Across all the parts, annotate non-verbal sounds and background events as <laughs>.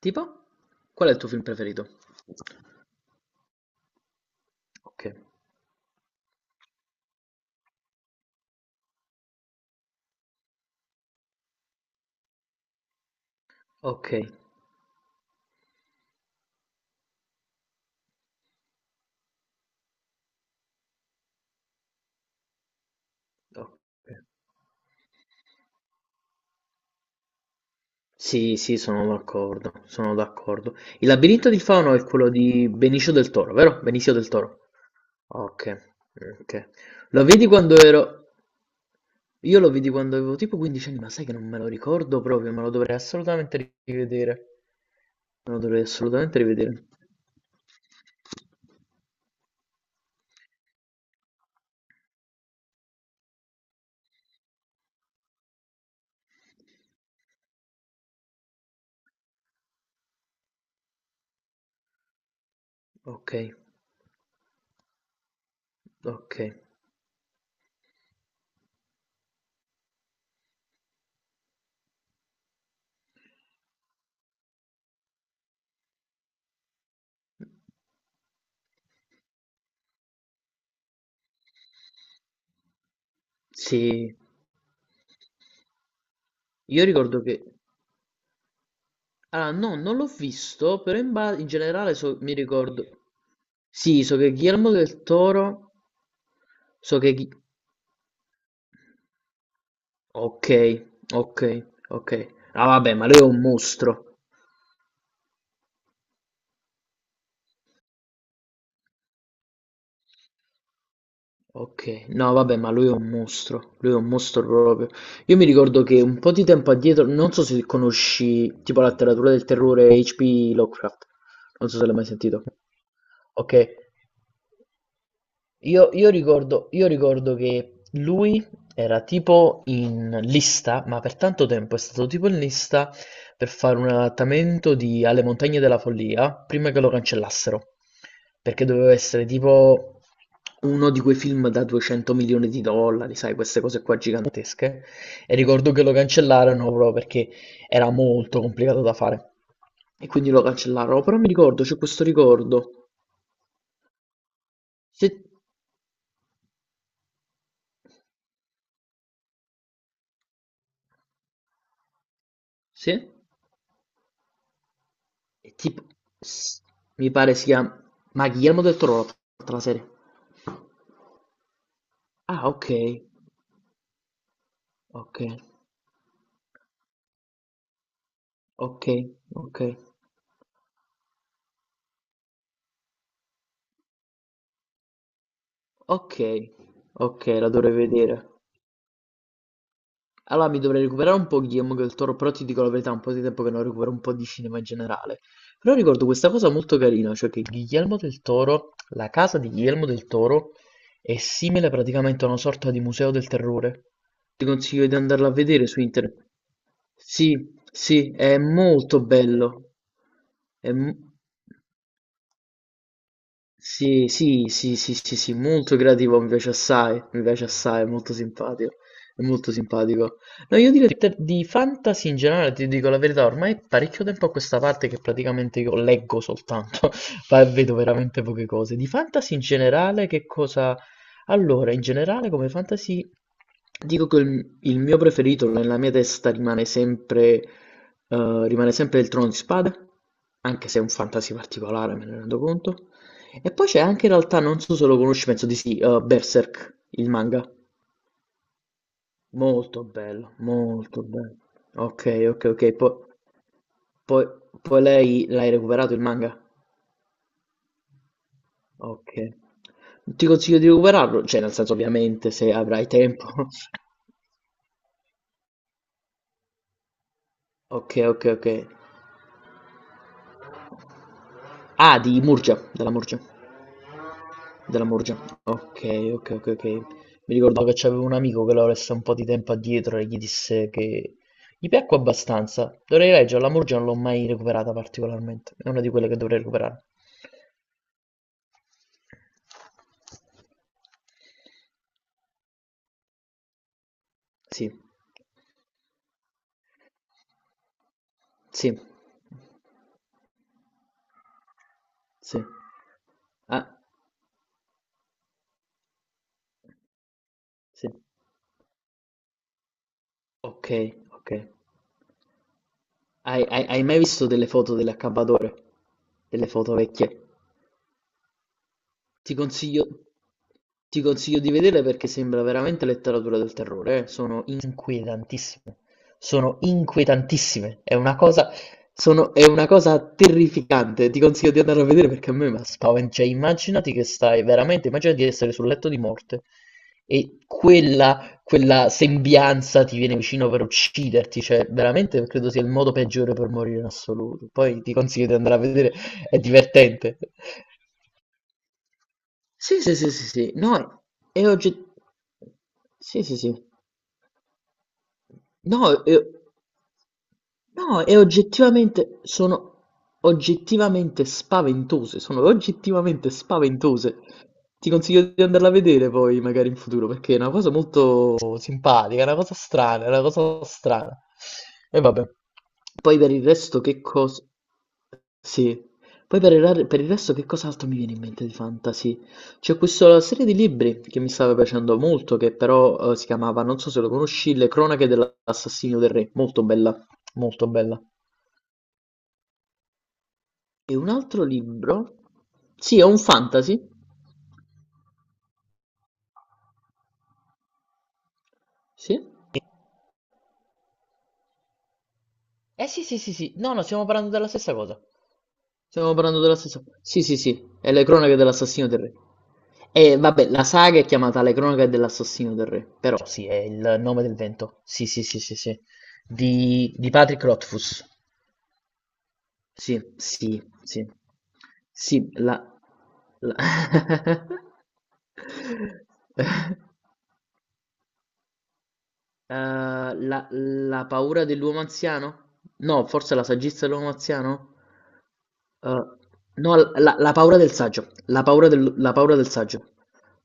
Tipo? Qual è il tuo film preferito? Ok, ok, ok. Sì, sì, sono d'accordo, sono d'accordo. Il labirinto di Fauno è quello di Benicio del Toro, vero? Benicio del Toro. Ok, ok. Lo vedi quando ero... Io lo vidi quando avevo tipo 15 anni, ma sai che non me lo ricordo proprio, me lo dovrei assolutamente rivedere. Me lo dovrei assolutamente rivedere. Ok, ok. Sì, io ricordo che... Ah, no, non l'ho visto, in generale mi ricordo... Sì, so che Guillermo del Toro... So che... Ghi- Ok, ok, ok. Ah, vabbè, ma lui è un mostro. Ok, no, vabbè, ma lui è un mostro. Lui è un mostro proprio. Io mi ricordo che un po' di tempo addietro, non so se conosci tipo la letteratura del terrore H.P. Lovecraft. Non so se l'hai mai sentito. Ok. Io ricordo, io ricordo che lui era tipo in lista, ma per tanto tempo è stato tipo in lista per fare un adattamento di Alle Montagne della Follia prima che lo cancellassero, perché doveva essere tipo uno di quei film da 200 milioni di dollari, sai, queste cose qua gigantesche. E ricordo che lo cancellarono proprio perché era molto complicato da fare. E quindi lo cancellarono, però mi ricordo, c'è questo ricordo. Sì, sì. E tipo, s- mi pare sia... Ma Guillermo del Toro l'ha fatta la serie. Ah, ok. Ok. Ok. Ok. Ok. Ok, la dovrei vedere. Allora mi dovrei recuperare un po' Guillermo del Toro, però ti dico la verità, è un po' di tempo che non recupero un po' di cinema in generale. Però ricordo questa cosa molto carina, cioè che Guillermo del Toro, la casa di Guillermo del Toro è simile praticamente a una sorta di museo del terrore. Ti consiglio di andarla a vedere su internet. Sì, sì, è molto bello. È m- sì, sì, sì, sì, sì, sì, molto creativo, mi piace assai, è molto simpatico, è molto simpatico. No, io di fantasy in generale, ti dico la verità, ormai è parecchio tempo a questa parte che praticamente io leggo soltanto, <laughs> ma vedo veramente poche cose. Di fantasy in generale, che cosa... Allora, in generale come fantasy dico che il mio preferito nella mia testa rimane sempre il Trono di Spade, anche se è un fantasy particolare, me ne rendo conto. E poi c'è anche in realtà, non so se lo conosci, penso di sì, Berserk, il manga. Molto bello, molto bello. Ok, ok, ok. po- poi, poi lei l'hai recuperato il manga? Ok. Ti consiglio di recuperarlo, cioè nel senso ovviamente se avrai tempo. <laughs> Ok. Ah, di Murgia, della Murgia. Della Murgia. Ok, ok. Mi ricordavo che c'avevo un amico che l'ho lessa un po' di tempo addietro e gli disse che gli piacque abbastanza. Dovrei leggerla, La Murgia non l'ho mai recuperata particolarmente. È una di quelle che dovrei recuperare. Sì, sì, sì. Ah, sì. Ok, ok. Hai mai visto delle foto dell'accabbadore? Delle foto vecchie? Ti consiglio, ti consiglio di vederle perché sembra veramente letteratura del terrore, eh. Sono inquietantissime. Sono inquietantissime, è una cosa sono è una cosa terrificante, ti consiglio di andarlo a vedere perché a me m'ha spaven cioè immaginati che stai veramente immaginati di essere sul letto di morte e quella sembianza ti viene vicino per ucciderti, cioè veramente credo sia il modo peggiore per morire in assoluto. Poi ti consiglio di andare a vedere, è divertente. Sì, sì, sì, sì, sì. No, è ogget sì, sì, sì. No, e no, e oggettivamente sono oggettivamente spaventose, sono oggettivamente spaventose. Ti consiglio di andarla a vedere poi, magari in futuro, perché è una cosa molto simpatica, è una cosa strana, è una cosa strana. E vabbè. Poi per il resto che cosa... Sì. Poi per il resto che cos'altro mi viene in mente di fantasy? C'è questa serie di libri che mi stava piacendo molto, che però si chiamava, non so se lo conosci, Le cronache della L'assassino del re, molto bella, molto bella. E un altro libro? Sì, è un fantasy. Sì? Sì, sì, sì, No, no, stiamo parlando della stessa cosa. Stiamo parlando della stessa cosa. Sì, sì, sì. È le cronache dell'assassino del re. E vabbè, la saga è chiamata Le cronache dell'assassino del re, però sì, è il nome del vento. Sì, sì, sì, sì, sì. Di Patrick Rothfuss. Sì, sì, sì. Sì, la... la- <laughs> la paura dell'uomo anziano? No, forse la saggezza dell'uomo anziano? Eh, no, la paura del saggio. La paura la paura del saggio.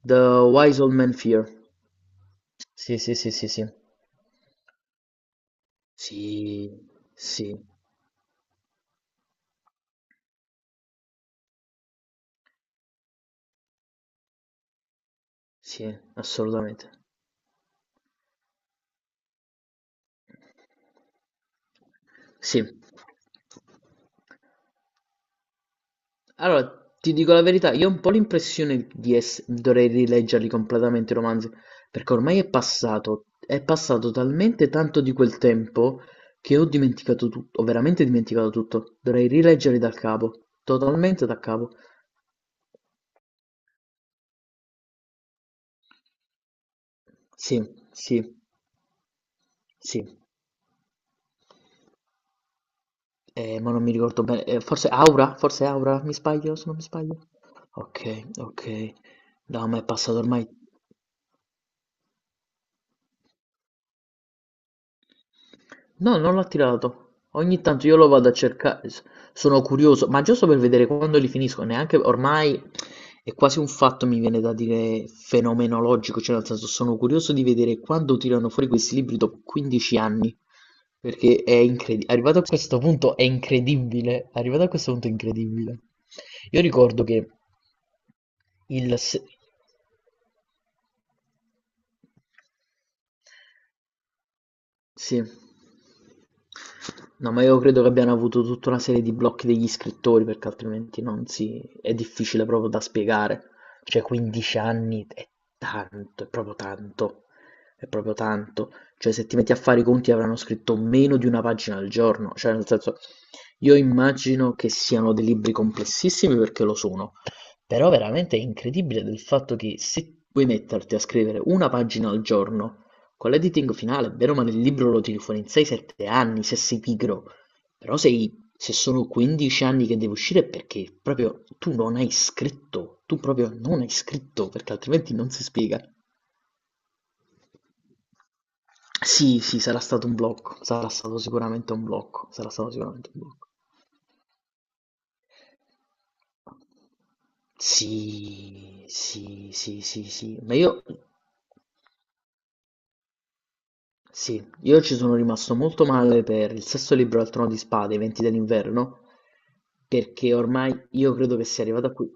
The Wise Old Man Fear. Sì, sì, sì, sì, sì. Sì, sì, sì, assolutamente. Sì. Allora, ti dico la verità, io ho un po' l'impressione di dovrei rileggerli completamente i romanzi, perché ormai è passato talmente tanto di quel tempo che ho dimenticato tutto, ho veramente dimenticato tutto. Dovrei rileggerli dal capo, totalmente da capo. Sì, sì, sì, ma non mi ricordo bene, forse Aura, mi sbaglio, se non mi sbaglio. Ok, ok. No, ma è passato ormai No, non l'ho tirato. Ogni tanto io lo vado a cercare, s- sono curioso, ma giusto per vedere quando li finisco, neanche ormai è quasi un fatto, mi viene da dire, fenomenologico, cioè nel senso sono curioso di vedere quando tirano fuori questi libri dopo 15 anni, perché è incredibile, arrivato a questo punto è incredibile, arrivato a questo punto è incredibile. Io ricordo che il... se- Sì. No, ma io credo che abbiano avuto tutta una serie di blocchi degli scrittori, perché altrimenti non si... è difficile proprio da spiegare. Cioè, 15 anni è tanto, è proprio tanto, è proprio tanto. Cioè, se ti metti a fare i conti avranno scritto meno di una pagina al giorno. Cioè, nel senso, io immagino che siano dei libri complessissimi perché lo sono, però veramente è incredibile del fatto che se puoi metterti a scrivere una pagina al giorno con l'editing finale, bene o male, il libro lo tiri fuori in 6-7 anni, se sei pigro. Però sei, se sono 15 anni che deve uscire è perché proprio tu non hai scritto, tu proprio non hai scritto, perché altrimenti non si spiega. Sì, sì, sarà stato un blocco, sarà stato sicuramente un blocco, sarà stato sicuramente un blocco. Sì, sì, sì, sì, sì, ma io Sì, io ci sono rimasto molto male per il sesto libro al Trono di Spade, i Venti dell'Inverno, perché ormai io credo che sia arrivato a qui.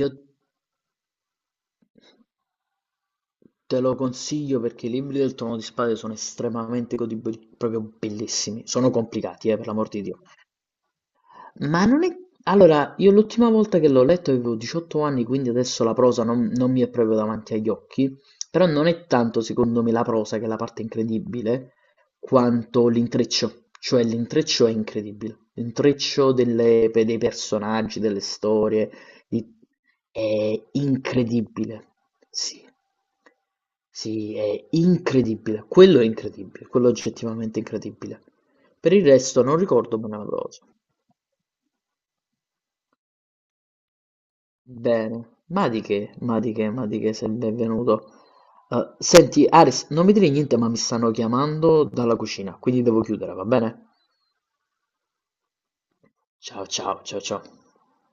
Io te lo consiglio perché i libri del Trono di Spade sono estremamente godibili, proprio bellissimi. Sono complicati, per l'amor di Dio. Ma non è... Allora, io l'ultima volta che l'ho letto avevo 18 anni, quindi adesso la prosa non mi è proprio davanti agli occhi, però non è tanto secondo me la prosa che è la parte incredibile, quanto l'intreccio, cioè l'intreccio è incredibile, l'intreccio dei personaggi, delle storie, di- è incredibile, sì, sì, è incredibile, quello è incredibile, quello è oggettivamente incredibile. Per il resto non ricordo bene la prosa. Bene, ma di che, ma di che, ma di che sei il benvenuto. Senti, Aris, non mi dire niente, ma mi stanno chiamando dalla cucina, quindi devo chiudere, va bene? Ciao, ciao, ciao, ciao.